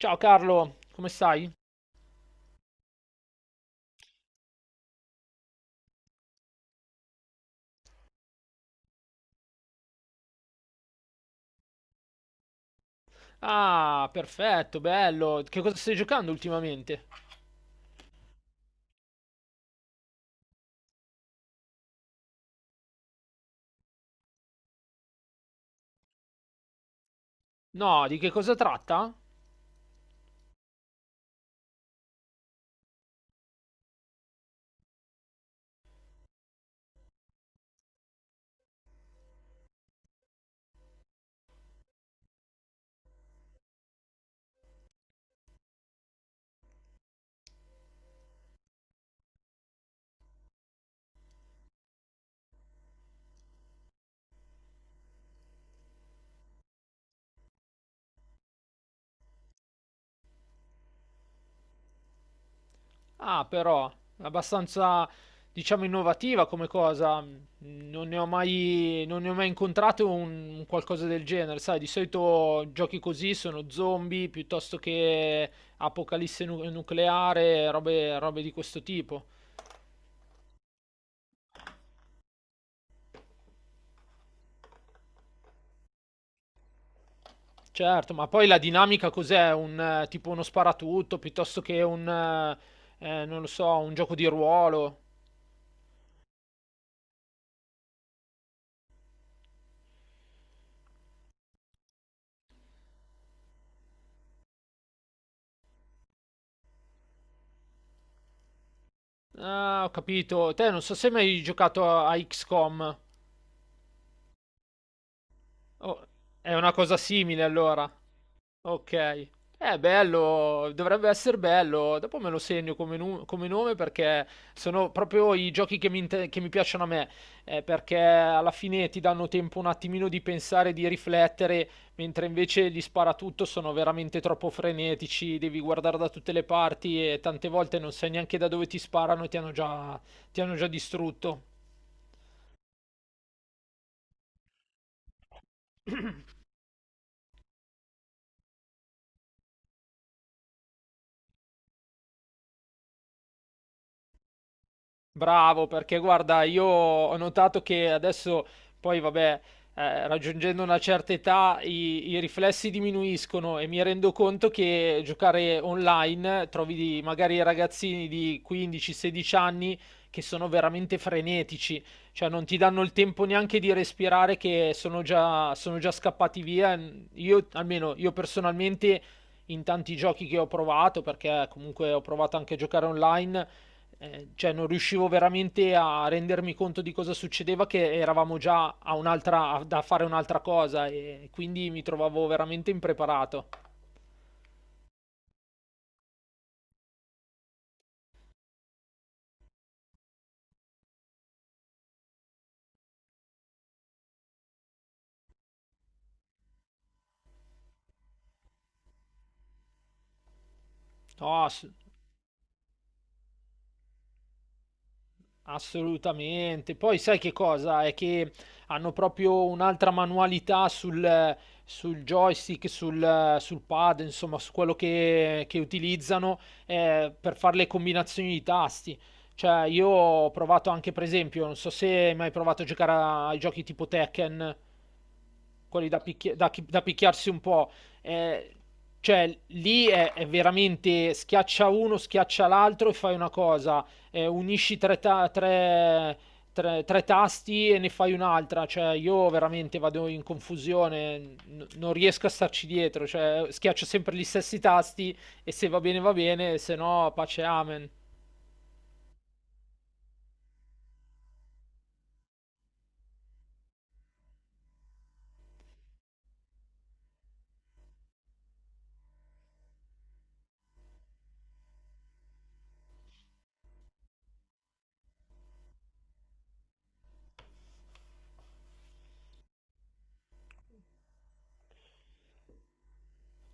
Ciao Carlo, come stai? Ah, perfetto, bello. Che cosa stai giocando ultimamente? No, di che cosa tratta? Ah, però, abbastanza, diciamo, innovativa come cosa. Mm, non ne ho mai, non ne ho mai incontrato un qualcosa del genere, sai? Di solito giochi così sono zombie piuttosto che apocalisse nucleare, robe di questo tipo. Certo, ma poi la dinamica cos'è? Tipo uno sparatutto piuttosto che un, non lo so, un gioco di ruolo. Ah, ho capito. Te non so se hai mai giocato a XCOM. Oh, è una cosa simile allora. Okay. Bello, dovrebbe esser bello. Dopo me lo segno come nu come nome, perché sono proprio i giochi che mi inte che mi piacciono a me, perché alla fine ti danno tempo un attimino di pensare, di riflettere, mentre invece gli sparatutto sono veramente troppo frenetici, devi guardare da tutte le parti e tante volte non sai neanche da dove ti sparano e ti hanno già distrutto. Bravo, perché guarda, io ho notato che adesso poi, vabbè, raggiungendo una certa età i riflessi diminuiscono e mi rendo conto che giocare online trovi magari ragazzini di 15-16 anni che sono veramente frenetici, cioè non ti danno il tempo neanche di respirare che sono già scappati via. Io, almeno io personalmente, in tanti giochi che ho provato, perché comunque ho provato anche a giocare online, cioè non riuscivo veramente a rendermi conto di cosa succedeva, che eravamo già a da fare un'altra cosa e quindi mi trovavo veramente impreparato. No, s- Assolutamente. Poi sai che cosa? È che hanno proprio un'altra manualità sul, sul joystick, sul pad, insomma, su quello che utilizzano, per fare le combinazioni di tasti. Cioè, io ho provato anche, per esempio, non so se hai mai provato a giocare ai giochi tipo Tekken, quelli da, da picchiarsi un po'. Eh, cioè, lì è veramente schiaccia uno, schiaccia l'altro e fai una cosa, unisci tre, tre tasti e ne fai un'altra. Cioè, io veramente vado in confusione, non riesco a starci dietro. Cioè, schiaccio sempre gli stessi tasti e se va bene va bene, se no pace amen.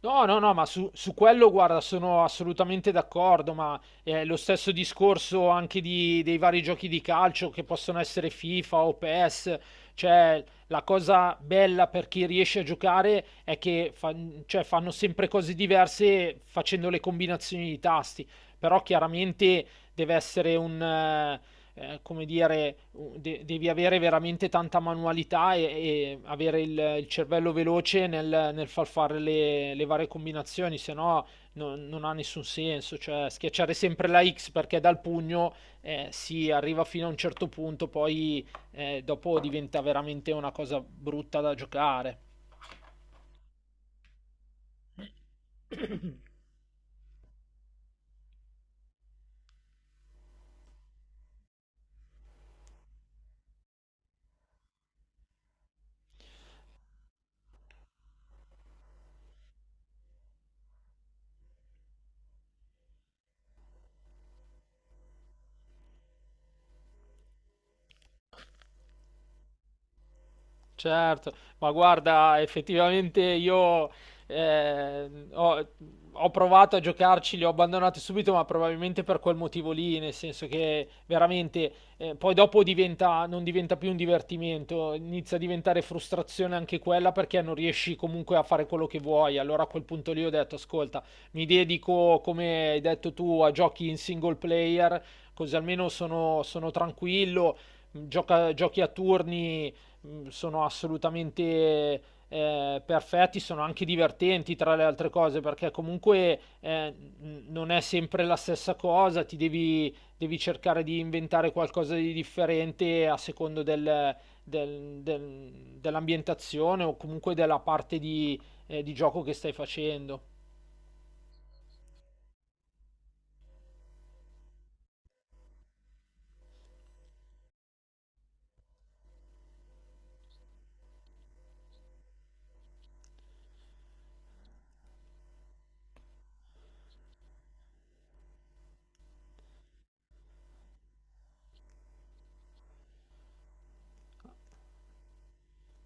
No, no, no, ma su, su quello, guarda, sono assolutamente d'accordo, ma lo stesso discorso anche dei vari giochi di calcio che possono essere FIFA o PES, cioè la cosa bella per chi riesce a giocare è che cioè, fanno sempre cose diverse facendo le combinazioni di tasti, però chiaramente deve essere un, come dire, devi avere veramente tanta manualità e avere il cervello veloce nel far fare le varie combinazioni, se no non ha nessun senso. Cioè, schiacciare sempre la X, perché dal pugno si arriva fino a un certo punto, poi dopo diventa veramente una cosa brutta da giocare. Certo, ma guarda, effettivamente io eh, ho, ho provato a giocarci, li ho abbandonati subito, ma probabilmente per quel motivo lì, nel senso che veramente poi dopo non diventa più un divertimento, inizia a diventare frustrazione anche quella, perché non riesci comunque a fare quello che vuoi. Allora a quel punto lì ho detto, ascolta, mi dedico, come hai detto tu, a giochi in single player, così almeno sono tranquillo, giochi a turni sono assolutamente perfetti, sono anche divertenti tra le altre cose, perché comunque non è sempre la stessa cosa, ti devi cercare di inventare qualcosa di differente a secondo del- del- dell'ambientazione o comunque della parte di gioco che stai facendo.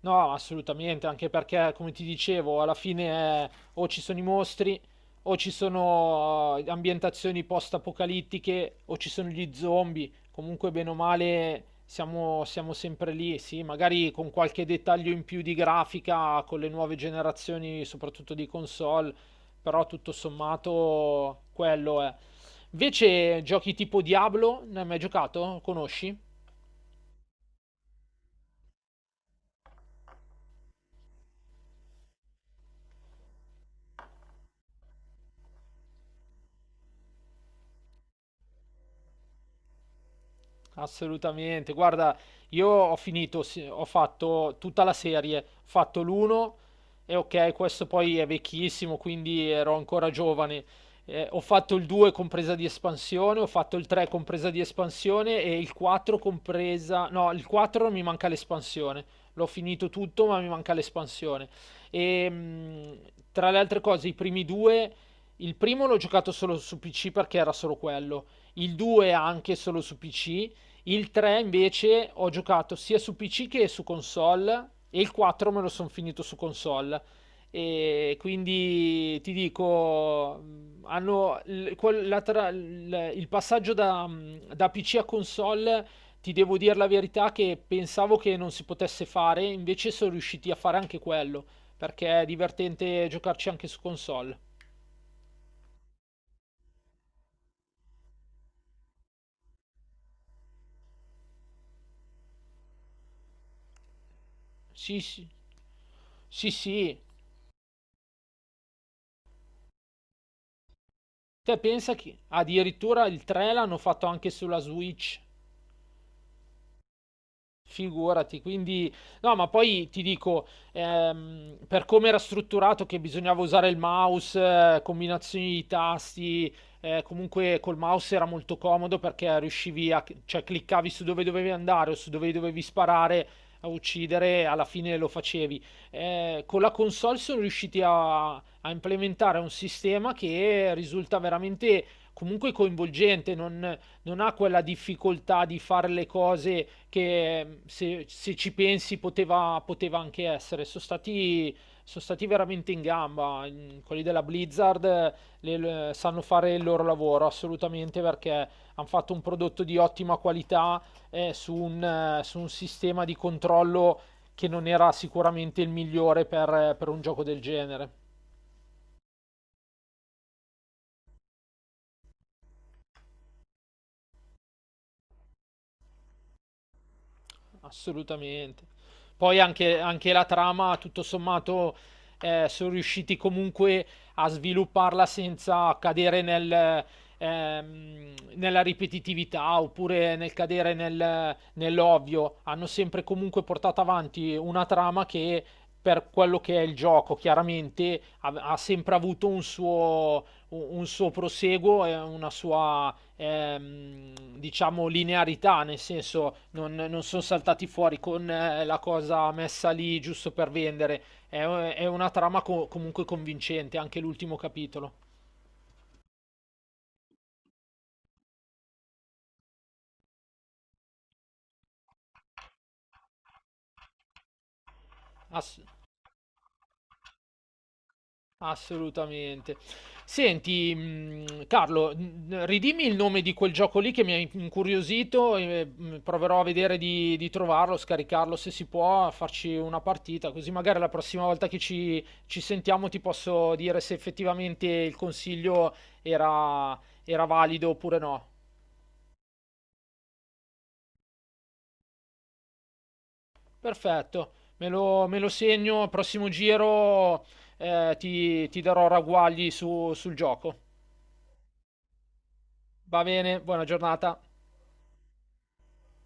No, assolutamente, anche perché, come ti dicevo, alla fine o ci sono i mostri, o ci sono ambientazioni post-apocalittiche, o ci sono gli zombie. Comunque, bene o male, siamo sempre lì, sì, magari con qualche dettaglio in più di grafica, con le nuove generazioni, soprattutto di console, però tutto sommato quello è. Invece, giochi tipo Diablo, ne hai mai giocato? Conosci? Assolutamente, guarda, io ho finito, sì, ho fatto tutta la serie, ho fatto l'uno e ok, questo poi è vecchissimo, quindi ero ancora giovane. Ho fatto il 2 compresa di espansione, ho fatto il 3 compresa di espansione e il 4 compresa... No, il 4 mi manca l'espansione. L'ho finito tutto, ma mi manca l'espansione. E tra le altre cose, i primi due... Il primo l'ho giocato solo su PC, perché era solo quello. Il 2 anche solo su PC, il 3 invece ho giocato sia su PC che su console e il 4 me lo sono finito su console. E quindi ti dico, hanno l- quel- la tra- l- il passaggio da, da PC a console, ti devo dire la verità che pensavo che non si potesse fare, invece sono riusciti a fare anche quello, perché è divertente giocarci anche su console. Sì, sì. Sì, sì. Te pensa che addirittura il 3 l'hanno fatto anche sulla Switch. Figurati, quindi no, ma poi ti dico, per come era strutturato, che bisognava usare il mouse, combinazioni di tasti, comunque col mouse era molto comodo, perché riuscivi a, cioè cliccavi su dove dovevi andare o su dove dovevi sparare a uccidere, e alla fine lo facevi. Con la console sono riusciti a implementare un sistema che risulta veramente comunque coinvolgente, non ha quella difficoltà di fare le cose che se, se ci pensi poteva anche essere. Sono stati veramente in gamba. Mm, quelli della Blizzard sanno fare il loro lavoro assolutamente, perché hanno fatto un prodotto di ottima qualità su un sistema di controllo che non era sicuramente il migliore per un gioco del genere. Assolutamente. Poi anche, anche la trama, tutto sommato, sono riusciti comunque a svilupparla senza cadere nel, nella ripetitività oppure nel cadere nell'ovvio. Hanno sempre comunque portato avanti una trama che, per quello che è il gioco, chiaramente ha sempre avuto un suo, un suo proseguo e una sua diciamo linearità, nel senso non sono saltati fuori con la cosa messa lì giusto per vendere. È, è una trama comunque convincente, anche l'ultimo capitolo. Ass- Assolutamente. Senti, Carlo, ridimmi il nome di quel gioco lì, che mi ha incuriosito, e proverò a vedere di trovarlo, scaricarlo se si può, a farci una partita, così magari la prossima volta che ci sentiamo ti posso dire se effettivamente il consiglio era, era valido oppure no. Perfetto, me lo segno, al prossimo giro ti darò ragguagli sul gioco. Va bene, buona giornata.